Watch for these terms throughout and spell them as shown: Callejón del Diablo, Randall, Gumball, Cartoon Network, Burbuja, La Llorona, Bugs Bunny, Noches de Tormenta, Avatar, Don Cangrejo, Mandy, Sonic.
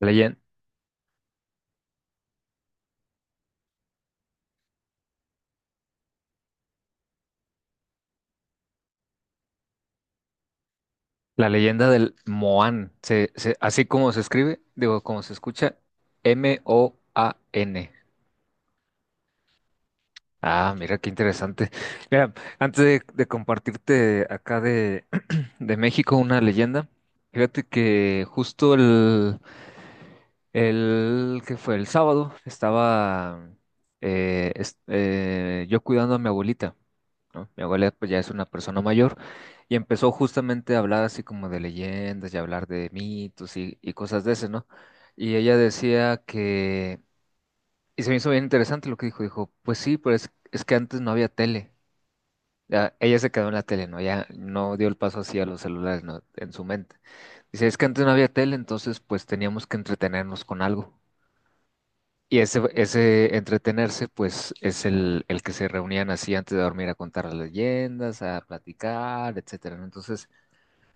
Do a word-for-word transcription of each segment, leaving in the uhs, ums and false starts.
Leyen- la leyenda del Moan, se, se- así como se escribe, digo, como se escucha, M O A N. Ah, mira qué interesante. Mira, antes de, de compartirte acá de, de México, una leyenda. Fíjate que justo el, el que fue el sábado estaba eh, es- eh, yo cuidando a mi abuelita, ¿no? Mi abuela pues ya es una persona mayor y empezó justamente a hablar así como de leyendas y hablar de mitos y, y cosas de ese, ¿no? Y ella decía que, y se me hizo bien interesante lo que dijo, dijo, pues sí, pero es, es que antes no había tele. Ya, ella se quedó en la tele, ¿no? Ya no dio el paso así a los celulares, ¿no? En su mente. Dice, es que antes no había tele, entonces pues teníamos que entretenernos con algo. Y ese, ese entretenerse, pues, es el, el que se reunían así antes de dormir a contar las leyendas, a platicar, etcétera, ¿no? Entonces,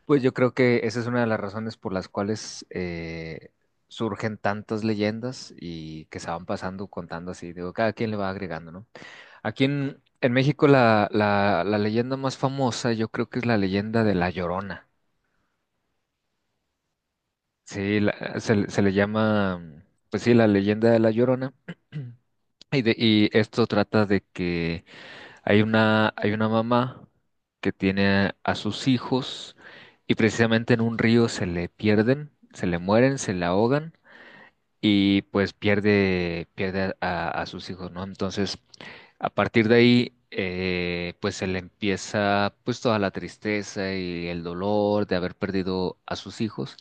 pues yo creo que esa es una de las razones por las cuales eh, surgen tantas leyendas y que se van pasando contando así. Digo, cada quien le va agregando, ¿no? Aquí en, en México la, la, la leyenda más famosa yo creo que es la leyenda de La Llorona. Sí, la- se, le se le llama, mm, pues sí, la leyenda de La Llorona. Y, de, y esto trata de que hay una, hay una mamá que tiene a sus hijos y precisamente en un río se le pierden, se le mueren, se le ahogan y pues pierde, pierde a, a sus hijos, ¿no? Entonces, a partir de ahí, eh, pues se le empieza pues toda la tristeza y el dolor de haber perdido a sus hijos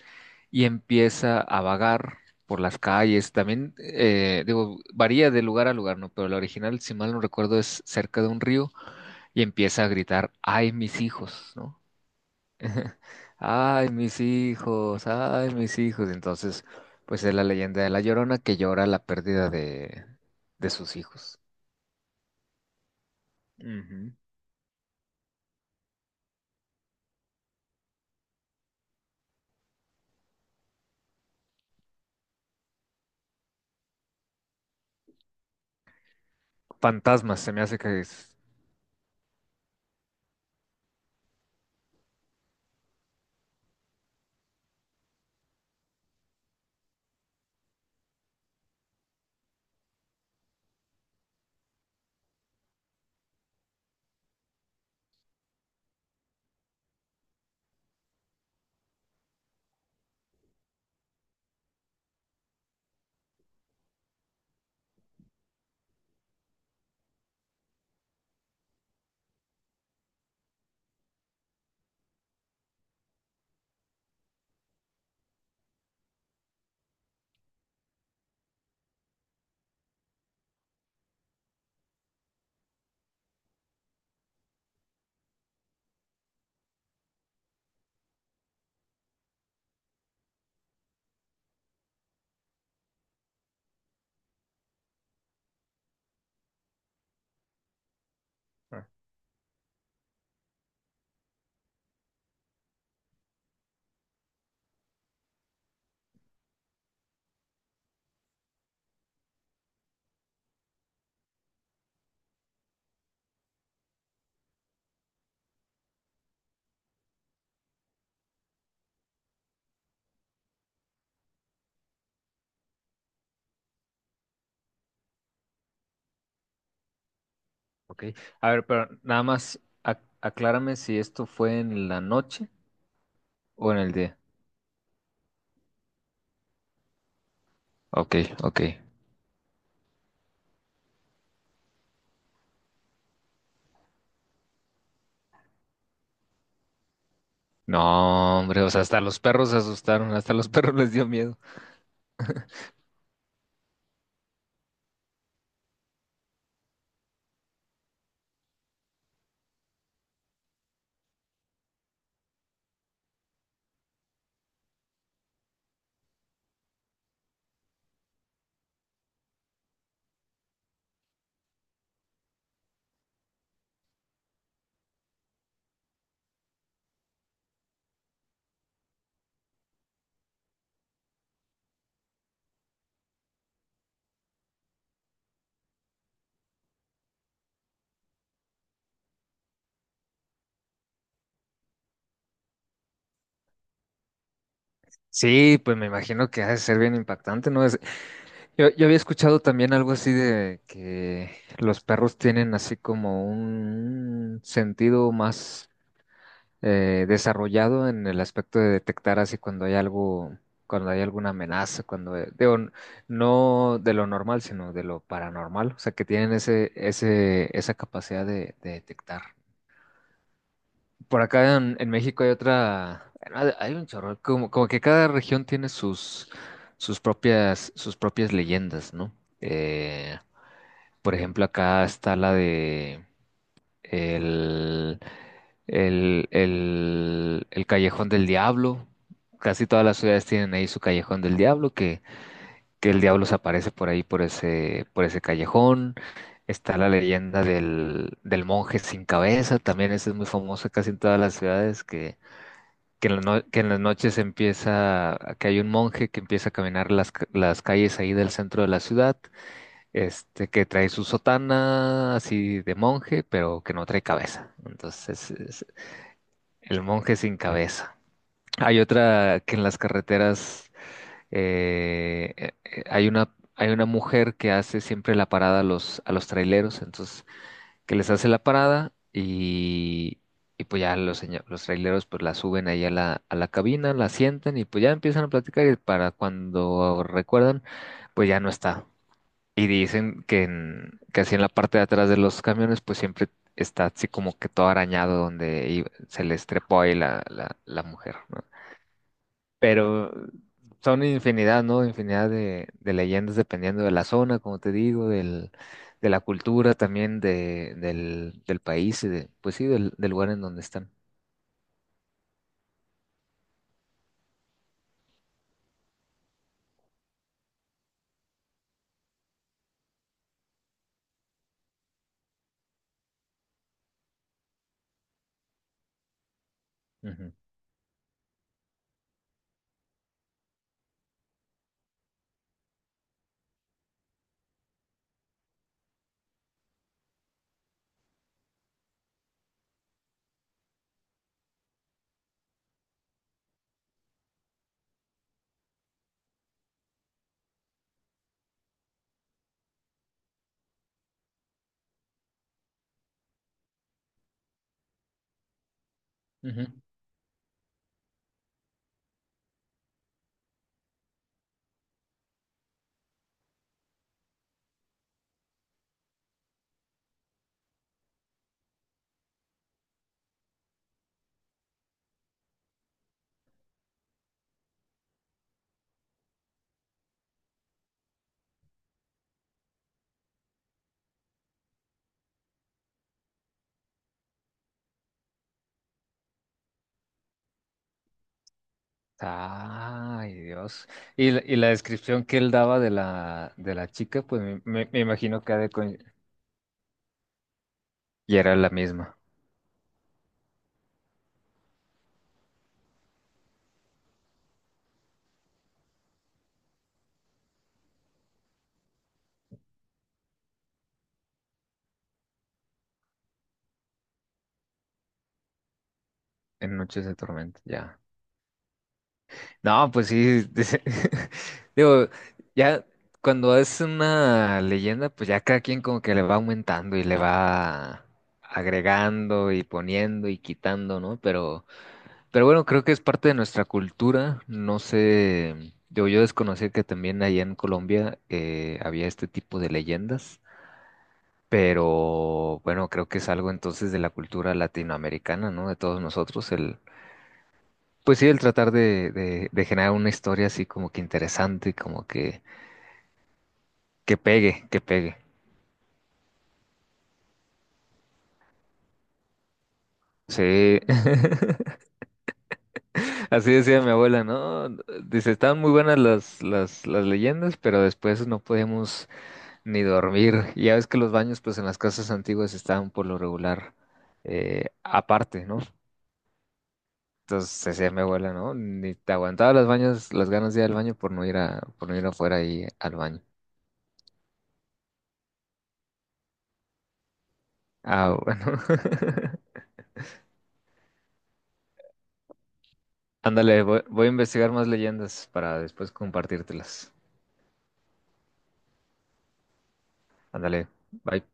y empieza a vagar por las calles. También, eh, digo, varía de lugar a lugar, ¿no? Pero la original, si mal no recuerdo, es cerca de un río y empieza a gritar, ¡ay, mis hijos! ¿No? Ay, mis hijos, ay, mis hijos. Entonces, pues es la leyenda de la Llorona que llora la pérdida de, de sus hijos. Ujú. Fantasmas, se me hace que es. Ah, ok. A ver, pero nada más ac- aclárame si esto fue en la noche o en el día. Ok, ok. No, hombre, o sea, hasta los perros se asustaron, hasta los perros les dio miedo. Sí, pues me imagino que ha de ser bien impactante, ¿no? Yo, yo había escuchado también algo así de que los perros tienen así como un sentido más eh, desarrollado en el aspecto de detectar así cuando hay algo, cuando hay alguna amenaza, cuando, eh, digo, n- no de lo normal, sino de lo paranormal, o sea, que tienen ese, ese, esa capacidad de, de detectar. Por acá en, en México hay otra, bueno, hay hay un chorro, como, como que cada región tiene sus, sus propias, sus propias leyendas, ¿no? Eh, por ejemplo, acá está la de el, el, el, el Callejón del Diablo. Casi todas las ciudades tienen ahí su Callejón del Diablo, que, que el diablo se aparece por ahí, por ese, por ese callejón. Está la leyenda del, del monje sin cabeza, también esa es muy famosa casi en todas las ciudades, que, que en la no- que en las noches empieza, que hay un monje que empieza a caminar las, ca- las calles ahí del centro de la ciudad este, que trae su sotana así de monje, pero que no trae cabeza. Entonces, es el monje sin cabeza. Hay otra que en las carreteras eh, eh, eh, hay una, hay una mujer que hace siempre la parada a los, a los traileros, entonces, que les hace la parada y, y pues ya los, seño- los traileros pues la suben ahí a la, a la cabina, la sientan y pues ya empiezan a platicar y para cuando recuerdan, pues ya no está. Y dicen que, en, que así en la parte de atrás de los camiones, pues siempre está así como que todo arañado donde i- se les trepó ahí la, la, la mujer, ¿no? Pero son infinidad, ¿no? Infinidad de, de leyendas dependiendo de la zona, como te digo, del, de la cultura también de, del, del país y de, pues sí, del, del lugar en donde están. Ujú, ujú. Ay, Dios. Y, la- y la descripción que él daba de la, de la chica, pues me, me- me imagino que ha de co- Y era la misma, en Noches de Tormenta, ya. No, pues sí, digo, ya cuando es una leyenda, pues ya cada quien como que le va aumentando y le va agregando y poniendo y quitando, ¿no? Pero, pero bueno, creo que es parte de nuestra cultura, no sé, digo, yo desconocí que también allá en Colombia eh, había este tipo de leyendas. Pero bueno, creo que es algo entonces de la cultura latinoamericana, ¿no? De todos nosotros, el pues sí, el tratar de, de, de generar una historia así como que interesante, como que, que pegue, que pegue. Sí, así decía mi abuela, ¿no? Dice, estaban muy buenas las, las, las leyendas, pero después no podíamos ni dormir. Y ya ves que los baños, pues en las casas antiguas estaban por lo regular eh, aparte, ¿no? Entonces decía mi abuela, ¿no? Ni te aguantaba las baños, las ganas de ir al baño por no ir a, por no ir afuera ahí al baño. Ah, bueno. Ándale, voy, voy a investigar más leyendas para después compartírtelas. Ándale, bye.